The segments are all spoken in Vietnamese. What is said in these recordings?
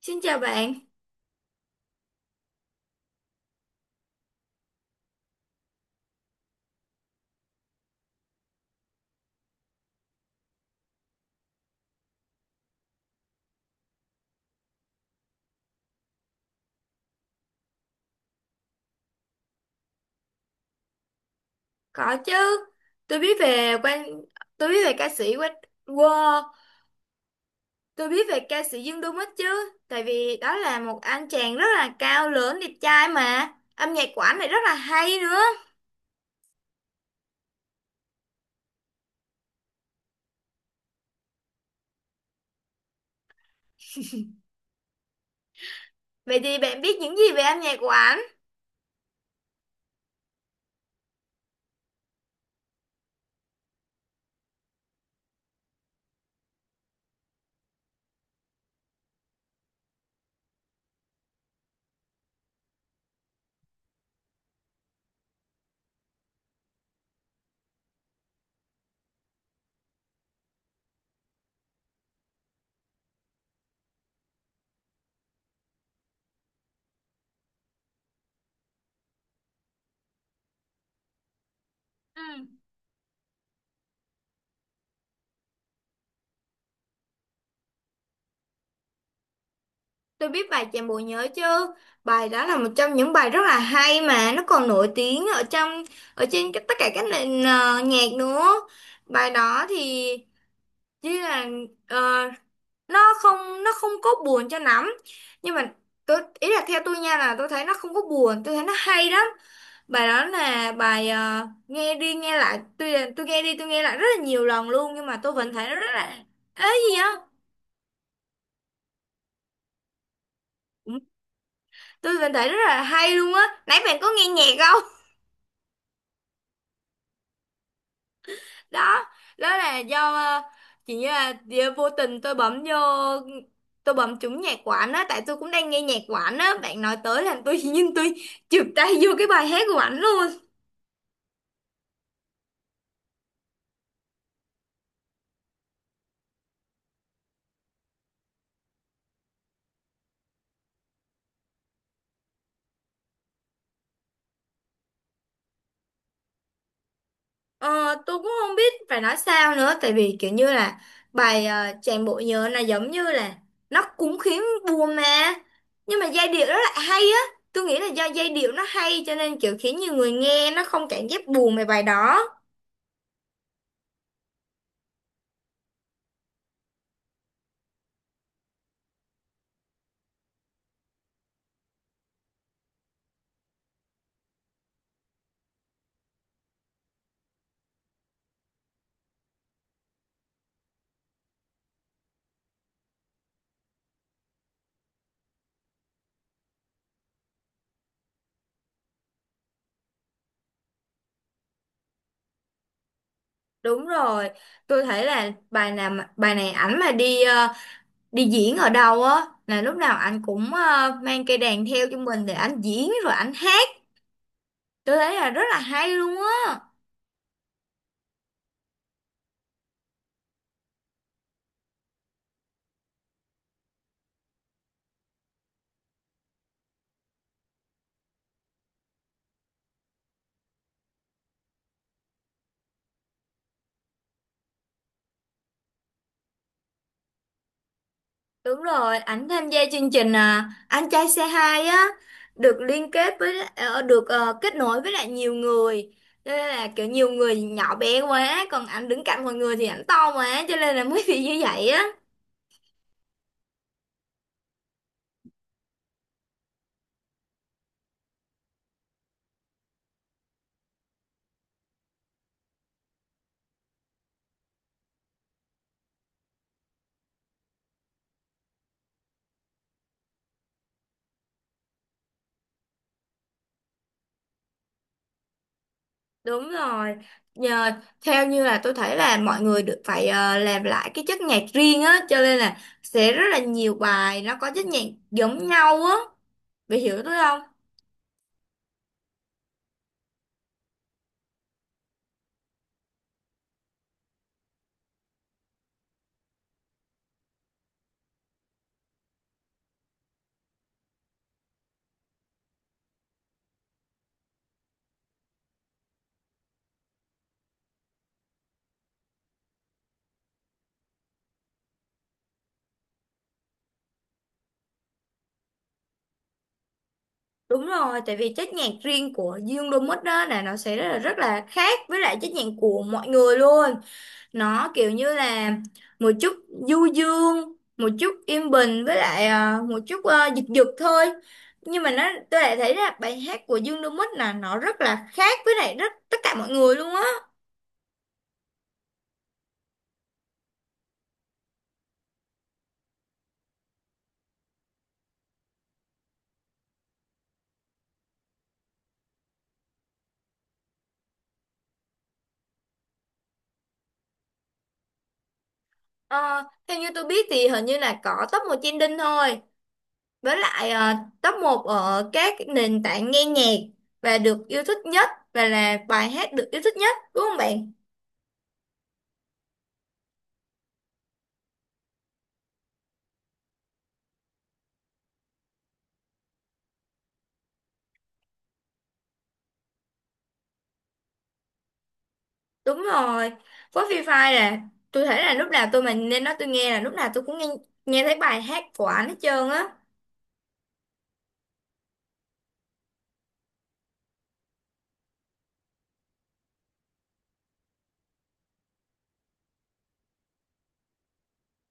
Xin chào bạn, có chứ. Tôi biết về quan, tôi biết về ca sĩ Quách Wow, tôi biết về ca sĩ Dương Đô Mít chứ. Tại vì đó là một anh chàng rất là cao lớn, đẹp trai mà. Âm nhạc của anh lại rất là hay nữa. Vậy thì bạn biết những gì về âm nhạc của anh? Ừ. Tôi biết bài Chàng Bộ Nhớ chứ. Bài đó là một trong những bài rất là hay mà nó còn nổi tiếng ở trong ở trên tất cả các nền nhạc nữa. Bài đó thì như là ờ, nó không có buồn cho lắm nhưng mà tôi ý là theo tôi nha là tôi thấy nó không có buồn, tôi thấy nó hay lắm. Bài đó là bài nghe đi nghe lại, tôi nghe đi tôi nghe lại rất là nhiều lần luôn nhưng mà tôi vẫn thấy nó rất là ấy gì á, tôi vẫn thấy rất là hay luôn á. Nãy bạn có nghe nhạc không? Đó, đó là do chỉ như là do vô tình tôi bấm vô, tôi bấm trúng nhạc của ảnh á, tại tôi cũng đang nghe nhạc của ảnh á, bạn nói tới làm tôi nhưng tôi chụp tay vô cái bài hát của ảnh luôn á. Ờ, tôi cũng không biết phải nói sao nữa tại vì kiểu như là bài Chàng bộ nhớ là giống như là nó cũng khiến buồn mà, nhưng mà giai điệu rất là hay á. Tôi nghĩ là do giai điệu nó hay cho nên kiểu khiến nhiều người nghe nó không cảm giác buồn về bài đó. Đúng rồi, tôi thấy là bài này ảnh mà đi đi diễn ở đâu á là lúc nào ảnh cũng mang cây đàn theo cho mình để ảnh diễn rồi ảnh hát. Tôi thấy là rất là hay luôn á. Đúng rồi, ảnh tham gia chương trình à, Anh trai xe 2 á, được liên kết với kết nối với lại nhiều người, cho nên là kiểu nhiều người nhỏ bé quá còn ảnh đứng cạnh mọi người thì ảnh to quá cho nên là mới bị như vậy á. Đúng rồi. Nhờ theo như là tôi thấy là mọi người được phải làm lại cái chất nhạc riêng á cho nên là sẽ rất là nhiều bài nó có chất nhạc giống nhau á. Bị hiểu tôi không? Đúng rồi, tại vì chất nhạc riêng của Dương Domus đó là nó sẽ rất là khác với lại chất nhạc của mọi người luôn. Nó kiểu như là một chút du dương, một chút yên bình, với lại à, một chút à, giật giật thôi. Nhưng mà nó tôi lại thấy là bài hát của Dương Domus là nó rất là khác với lại rất tất cả mọi người luôn á. Ờ, theo như tôi biết thì hình như là có top một trending thôi. Với lại ờ, top một ở các nền tảng nghe nhạc và được yêu thích nhất, và là bài hát được yêu thích nhất đúng không bạn? Đúng rồi. Với Free Fire là tôi thấy là lúc nào tôi mà nên nói tôi nghe là lúc nào tôi cũng nghe, nghe thấy bài hát của anh hết trơn á.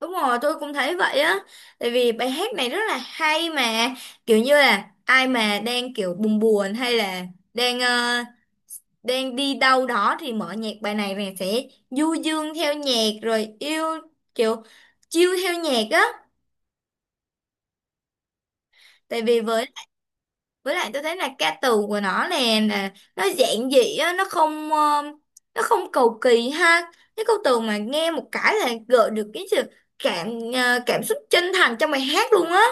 Đúng rồi, tôi cũng thấy vậy á. Tại vì bài hát này rất là hay mà, kiểu như là ai mà đang kiểu buồn buồn hay là đang đang đi đâu đó thì mở nhạc bài này này sẽ du dương theo nhạc rồi yêu kiểu chill theo nhạc á. Tại vì với lại tôi thấy là ca từ của nó nè là nó giản dị á, nó không nó không cầu kỳ ha, cái câu từ mà nghe một cái là gợi được cái sự cảm cảm xúc chân thành trong bài hát luôn á.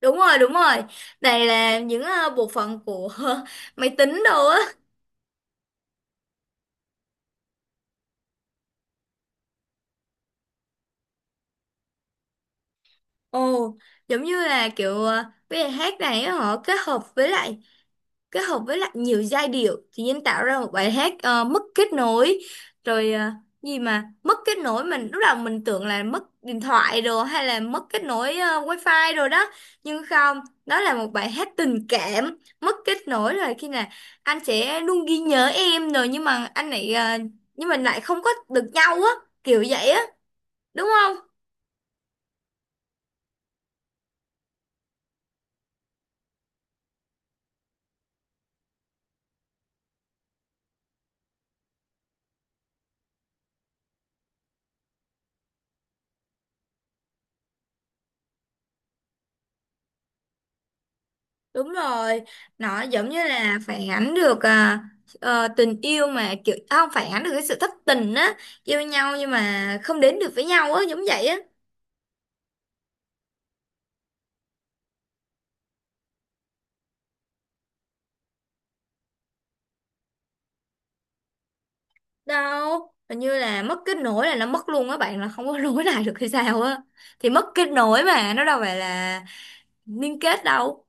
Đúng rồi, đúng rồi, này là những bộ phận của máy tính đồ á. Ồ, giống như là kiểu bây giờ hát này á, họ kết hợp với lại kết hợp với lại nhiều giai điệu thì nhân tạo ra một bài hát mất kết nối rồi gì mà mất kết nối, mình lúc đầu mình tưởng là mất điện thoại rồi hay là mất kết nối wifi rồi đó, nhưng không, đó là một bài hát tình cảm mất kết nối rồi khi nào anh sẽ luôn ghi nhớ em rồi nhưng mà anh lại nhưng mình lại không có được nhau á, kiểu vậy á, đúng không? Đúng rồi, nó giống như là phản ánh được à, tình yêu mà kiểu à, không phản ánh được cái sự thất tình á, yêu nhau nhưng mà không đến được với nhau á, giống vậy á. Đâu, hình như là mất kết nối là nó mất luôn á bạn, là không có nối lại được hay sao á. Thì mất kết nối mà nó đâu phải là liên kết đâu.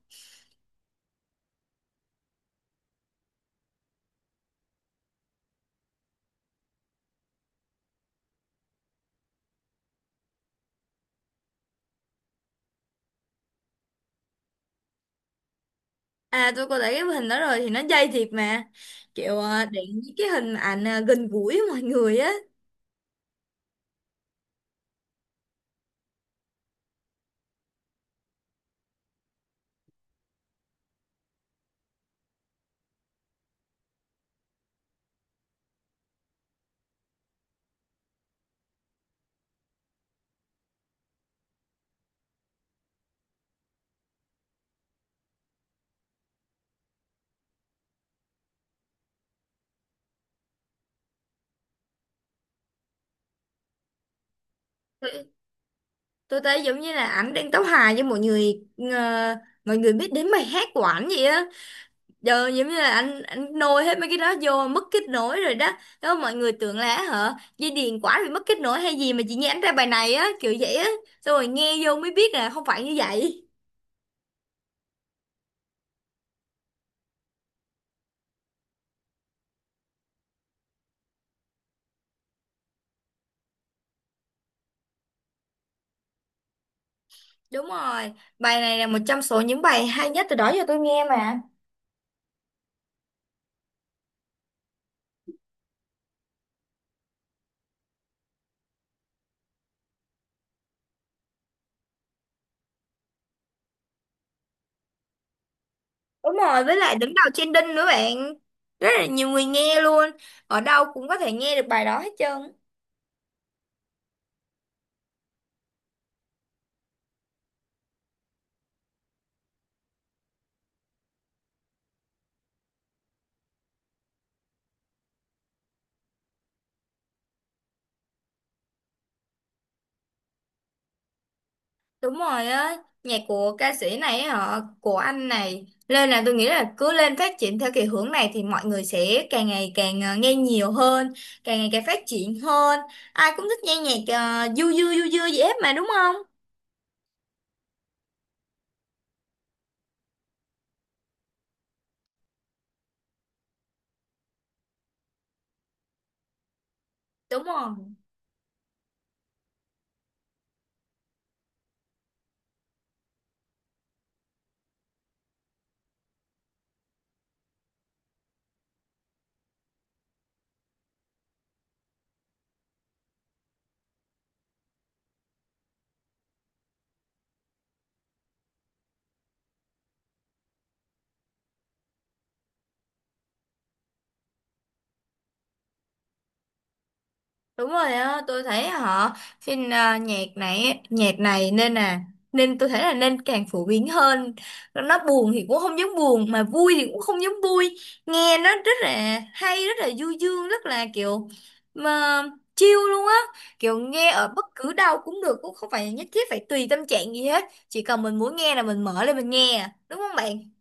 À tôi có thấy cái hình đó rồi, thì nó dây thiệt mà. Kiểu à, để những cái hình ảnh à, gần gũi với mọi người á. Tôi thấy giống như là ảnh đang tấu hài với mọi người, ờ, mọi người biết đến bài hát của ảnh vậy á, giờ giống như là anh nôi hết mấy cái đó vô mất kết nối rồi đó. Đó mọi người tưởng là hả dây điền quả bị mất kết nối hay gì mà chị nghe ảnh ra bài này á, kiểu vậy á, xong rồi nghe vô mới biết là không phải như vậy. Đúng rồi, bài này là một trong số những bài hay nhất từ đó giờ tôi nghe mà. Đúng rồi, với lại đứng đầu trending nữa bạn, rất là nhiều người nghe luôn, ở đâu cũng có thể nghe được bài đó hết trơn. Đúng rồi á, nhạc của ca sĩ này á họ của anh này nên là tôi nghĩ là cứ lên phát triển theo cái hướng này thì mọi người sẽ càng ngày càng nghe nhiều hơn, càng ngày càng phát triển hơn. Ai cũng thích nghe nhạc du du du du gì hết mà đúng không? Đúng rồi. Đúng rồi á, tôi thấy họ phim à, nhạc này nên là nên tôi thấy là nên càng phổ biến hơn. Nó buồn thì cũng không dám buồn mà vui thì cũng không dám vui. Nghe nó rất là hay, rất là du dương, rất là kiểu mà chill luôn á. Kiểu nghe ở bất cứ đâu cũng được, cũng không phải nhất thiết phải tùy tâm trạng gì hết. Chỉ cần mình muốn nghe là mình mở lên mình nghe, à, đúng không bạn?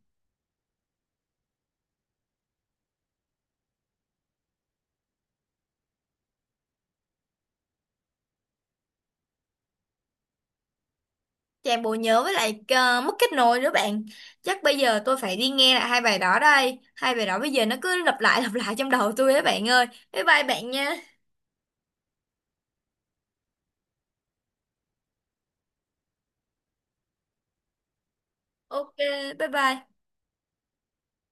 Chàng bộ nhớ với lại mất kết nối nữa bạn. Chắc bây giờ tôi phải đi nghe lại hai bài đó đây. Hai bài đó bây giờ nó cứ lặp lại trong đầu tôi đó bạn ơi. Bye bye bạn nha. Ok bye bye